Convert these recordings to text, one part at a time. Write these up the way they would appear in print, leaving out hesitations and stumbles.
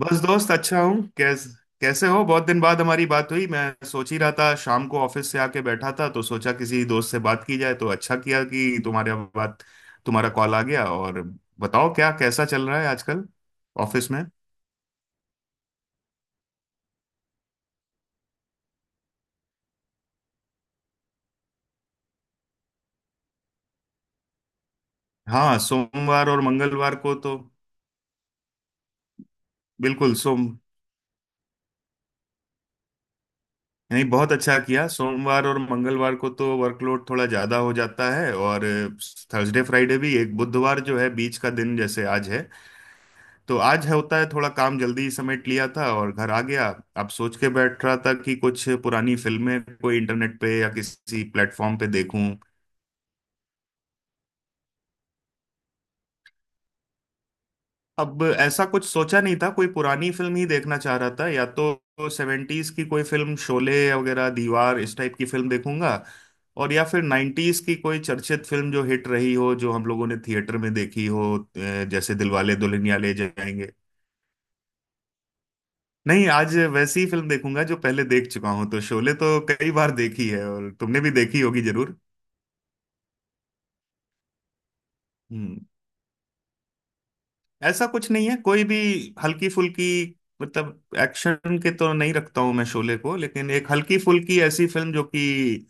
बस दोस्त, अच्छा हूँ। कैसे हो? बहुत दिन बाद हमारी बात हुई। मैं सोच ही रहा था, शाम को ऑफिस से आके बैठा था तो सोचा किसी दोस्त से बात की जाए, तो अच्छा किया कि तुम्हारे बात तुम्हारा कॉल आ गया। और बताओ, क्या कैसा चल रहा है आजकल ऑफिस में? हाँ, सोमवार और मंगलवार को तो बिल्कुल सोम नहीं, बहुत अच्छा किया। सोमवार और मंगलवार को तो वर्कलोड थोड़ा ज्यादा हो जाता है, और थर्सडे फ्राइडे भी। एक बुधवार जो है बीच का दिन, जैसे आज है, तो आज है, होता है, थोड़ा काम जल्दी समेट लिया था और घर आ गया। अब सोच के बैठ रहा था कि कुछ पुरानी फिल्में कोई इंटरनेट पे या किसी प्लेटफॉर्म पे देखूं। अब ऐसा कुछ सोचा नहीं था, कोई पुरानी फिल्म ही देखना चाह रहा था। या तो सेवेंटीज की कोई फिल्म शोले वगैरह, दीवार, इस टाइप की फिल्म देखूंगा, और या फिर नाइन्टीज की कोई चर्चित फिल्म जो हिट रही हो, जो हम लोगों ने थिएटर में देखी हो, जैसे दिलवाले दुल्हनिया ले जाएंगे। नहीं, आज वैसी ही फिल्म देखूंगा जो पहले देख चुका हूं। तो शोले तो कई बार देखी है, और तुमने भी देखी होगी जरूर। हम्म। ऐसा कुछ नहीं है, कोई भी हल्की फुल्की। मतलब एक्शन के तो नहीं रखता हूं मैं शोले को, लेकिन एक हल्की फुल्की ऐसी फिल्म जो कि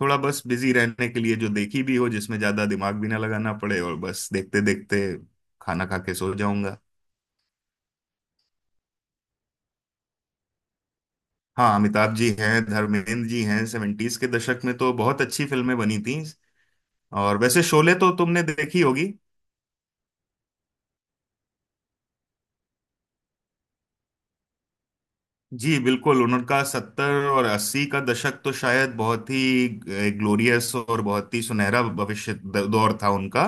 थोड़ा बस बिजी रहने के लिए, जो देखी भी हो, जिसमें ज्यादा दिमाग भी ना लगाना पड़े, और बस देखते देखते खाना खा के सो जाऊंगा। हाँ, अमिताभ जी हैं, धर्मेंद्र जी हैं। सेवेंटीज के दशक में तो बहुत अच्छी फिल्में बनी थी। और वैसे शोले तो तुमने देखी होगी। जी बिल्कुल, उनका सत्तर और अस्सी का दशक तो शायद बहुत ही ग्लोरियस और बहुत ही सुनहरा भविष्य दौर था उनका।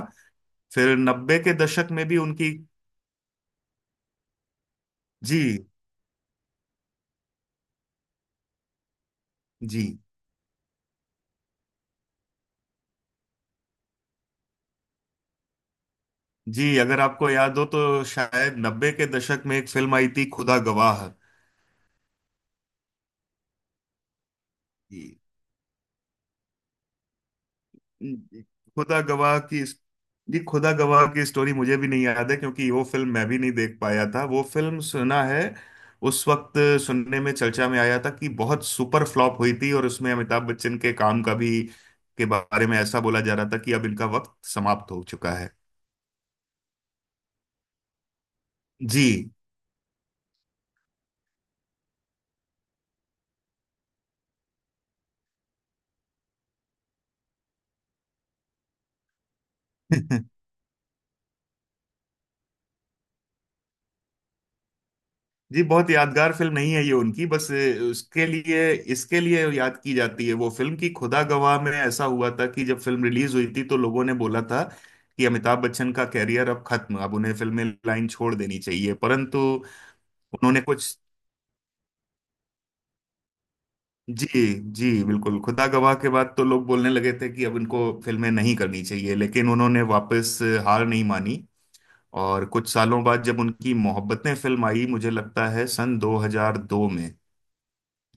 फिर नब्बे के दशक में भी उनकी। जी। जी। जी, अगर आपको याद हो तो शायद नब्बे के दशक में एक फिल्म आई थी, खुदा गवाह। खुदा गवाह की, जी खुदा गवाह की स्टोरी मुझे भी नहीं याद है, क्योंकि वो फिल्म मैं भी नहीं देख पाया था। वो फिल्म सुना है उस वक्त सुनने में, चर्चा में आया था कि बहुत सुपर फ्लॉप हुई थी, और उसमें अमिताभ बच्चन के काम का भी के बारे में ऐसा बोला जा रहा था कि अब इनका वक्त समाप्त हो चुका है। जी। जी, बहुत यादगार फिल्म नहीं है ये उनकी, बस उसके लिए, इसके लिए याद की जाती है वो फिल्म की, खुदा गवाह में ऐसा हुआ था कि जब फिल्म रिलीज हुई थी तो लोगों ने बोला था कि अमिताभ बच्चन का कैरियर अब खत्म, अब उन्हें फिल्में लाइन छोड़ देनी चाहिए, परंतु उन्होंने कुछ। जी। जी बिल्कुल, खुदा गवाह के बाद तो लोग बोलने लगे थे कि अब इनको फिल्में नहीं करनी चाहिए, लेकिन उन्होंने वापस हार नहीं मानी। और कुछ सालों बाद जब उनकी मोहब्बतें फिल्म आई, मुझे लगता है सन 2002 में,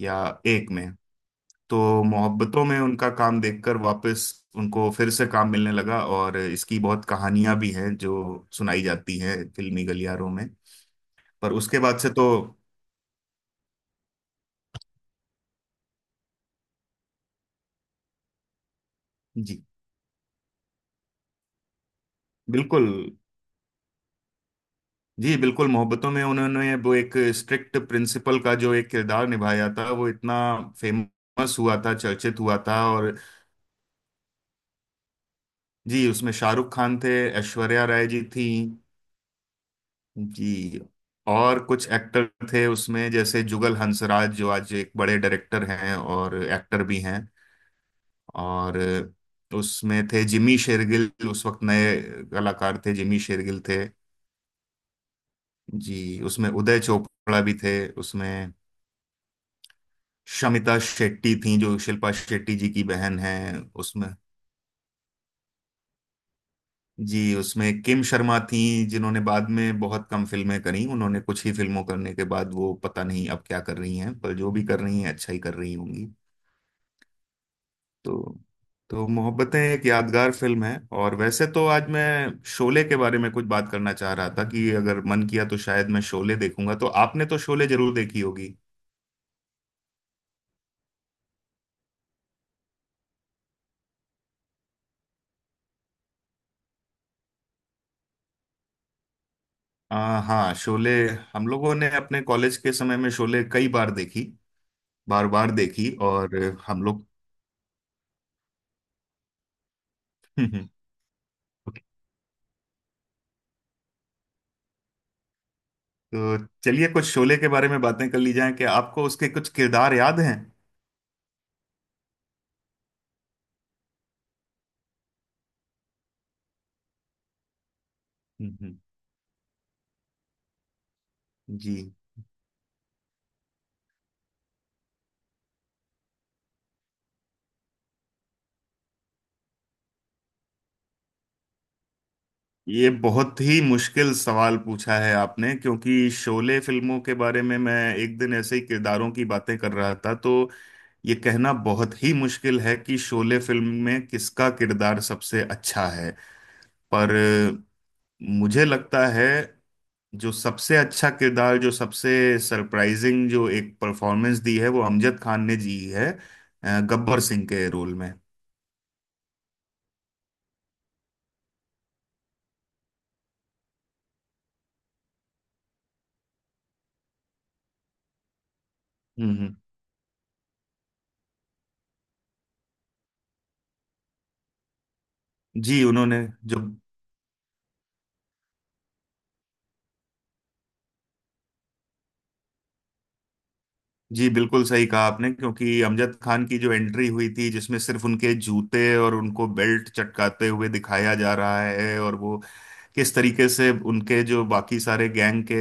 या एक में। तो मोहब्बतों में उनका काम देखकर वापस उनको फिर से काम मिलने लगा, और इसकी बहुत कहानियां भी हैं जो सुनाई जाती हैं फिल्मी गलियारों में, पर उसके बाद से तो। जी बिल्कुल। जी बिल्कुल, मोहब्बतों में उन्होंने वो एक स्ट्रिक्ट प्रिंसिपल का जो एक किरदार निभाया था, वो इतना फेमस हुआ था, चर्चित हुआ था। और जी, उसमें शाहरुख खान थे। ऐश्वर्या राय जी थी। जी। और कुछ एक्टर थे उसमें, जैसे जुगल हंसराज जो आज एक बड़े डायरेक्टर हैं और एक्टर भी हैं। और उसमें थे जिमी शेरगिल, उस वक्त नए कलाकार थे, जिमी शेरगिल थे। जी, उसमें उदय चोपड़ा भी थे। उसमें शमिता शेट्टी थी, जो शिल्पा शेट्टी जी की बहन हैं। उसमें, जी उसमें किम शर्मा थी, जिन्होंने बाद में बहुत कम फिल्में करी, उन्होंने कुछ ही फिल्मों करने के बाद वो पता नहीं अब क्या कर रही हैं, पर जो भी कर रही हैं अच्छा ही कर रही होंगी। तो तो मोहब्बतें एक यादगार फिल्म है। और वैसे तो आज मैं शोले के बारे में कुछ बात करना चाह रहा था कि अगर मन किया तो शायद मैं शोले देखूंगा। तो आपने तो शोले जरूर देखी होगी। हाँ शोले, हम लोगों ने अपने कॉलेज के समय में शोले कई बार देखी, बार बार देखी। और हम लोग तो चलिए कुछ शोले के बारे में बातें कर ली जाएं। कि आपको उसके कुछ किरदार याद हैं? हम्म। जी, ये बहुत ही मुश्किल सवाल पूछा है आपने, क्योंकि शोले फिल्मों के बारे में मैं एक दिन ऐसे ही किरदारों की बातें कर रहा था। तो ये कहना बहुत ही मुश्किल है कि शोले फिल्म में किसका किरदार सबसे अच्छा है। पर मुझे लगता है जो सबसे अच्छा किरदार, जो सबसे सरप्राइजिंग, जो एक परफॉर्मेंस दी है वो अमजद खान ने दी है, गब्बर सिंह के रोल में। हम्म, जी, उन्होंने जो, जी बिल्कुल सही कहा आपने, क्योंकि अमजद खान की जो एंट्री हुई थी जिसमें सिर्फ उनके जूते और उनको बेल्ट चटकाते हुए दिखाया जा रहा है, और वो किस तरीके से उनके जो बाकी सारे गैंग के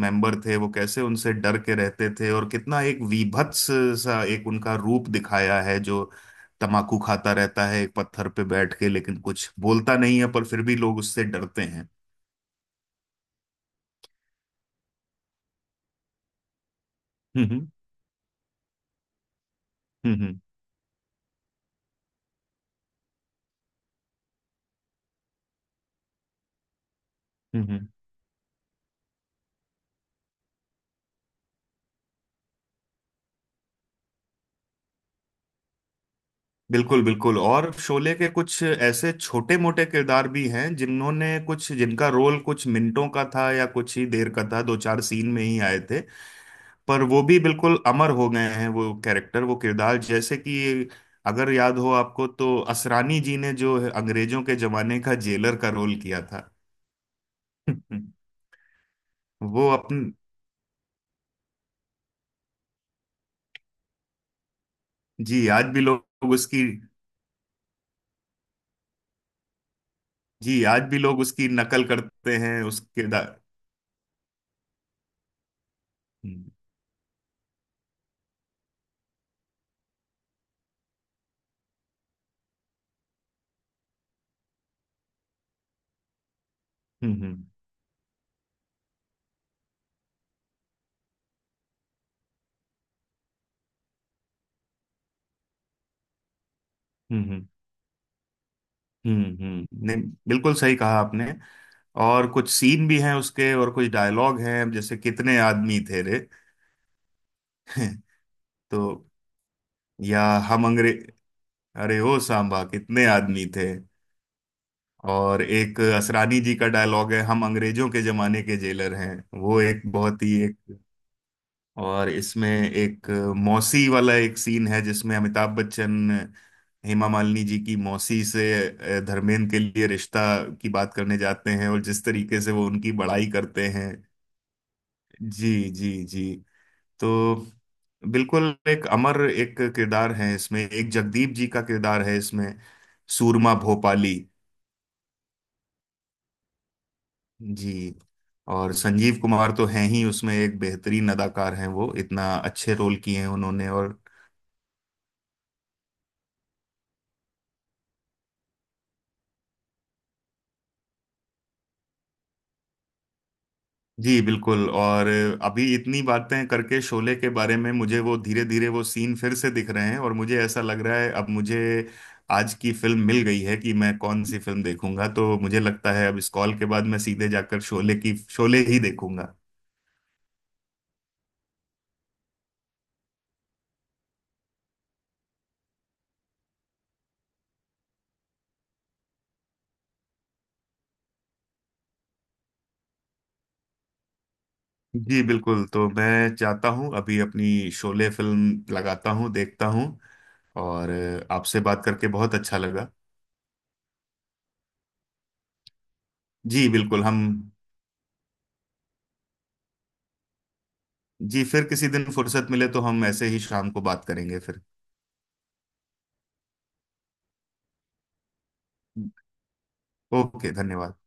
मेंबर थे वो कैसे उनसे डर के रहते थे, और कितना एक वीभत्स सा एक उनका रूप दिखाया है, जो तमाकू खाता रहता है एक पत्थर पे बैठ के, लेकिन कुछ बोलता नहीं है पर फिर भी लोग उससे डरते हैं। हम्म, हम्म। हम्म, हम्म। हम्म। बिल्कुल बिल्कुल। और शोले के कुछ ऐसे छोटे मोटे किरदार भी हैं, जिन्होंने कुछ, जिनका रोल कुछ मिनटों का था या कुछ ही देर का था, दो चार सीन में ही आए थे, पर वो भी बिल्कुल अमर हो गए हैं वो कैरेक्टर, वो किरदार। जैसे कि अगर याद हो आपको तो असरानी जी ने जो अंग्रेजों के जमाने का जेलर का रोल किया था। वो अपने, जी आज भी लोग उसकी, जी आज भी लोग उसकी नकल करते हैं उस किरदार। हम्म, हम्म। हम्म, हम्म। हम्म। हम्म, हम्म, नहीं, बिल्कुल सही कहा आपने। और कुछ सीन भी हैं उसके, और कुछ डायलॉग हैं, जैसे कितने आदमी थे रे। तो, या हम अंग्रेज, अरे ओ सांबा, कितने आदमी थे। और एक असरानी जी का डायलॉग है, हम अंग्रेजों के जमाने के जेलर हैं, वो एक बहुत ही एक, और इसमें एक मौसी वाला एक सीन है, जिसमें अमिताभ बच्चन हेमा मालिनी जी की मौसी से धर्मेंद्र के लिए रिश्ता की बात करने जाते हैं, और जिस तरीके से वो उनकी बड़ाई करते हैं। जी। जी जी। तो बिल्कुल एक अमर एक किरदार है, इसमें एक जगदीप जी का किरदार है इसमें, सूरमा भोपाली। जी। और संजीव कुमार तो हैं ही उसमें, एक बेहतरीन अदाकार हैं, वो इतना अच्छे रोल किए हैं उन्होंने। और जी बिल्कुल, और अभी इतनी बातें करके शोले के बारे में, मुझे वो धीरे धीरे वो सीन फिर से दिख रहे हैं, और मुझे ऐसा लग रहा है अब मुझे आज की फिल्म मिल गई है कि मैं कौन सी फिल्म देखूंगा। तो मुझे लगता है अब इस कॉल के बाद मैं सीधे जाकर शोले की, शोले ही देखूंगा। जी बिल्कुल, तो मैं चाहता हूँ अभी अपनी शोले फिल्म लगाता हूँ, देखता हूँ। और आपसे बात करके बहुत अच्छा लगा। जी बिल्कुल हम। जी, फिर किसी दिन फुर्सत मिले तो हम ऐसे ही शाम को बात करेंगे फिर। ओके, धन्यवाद।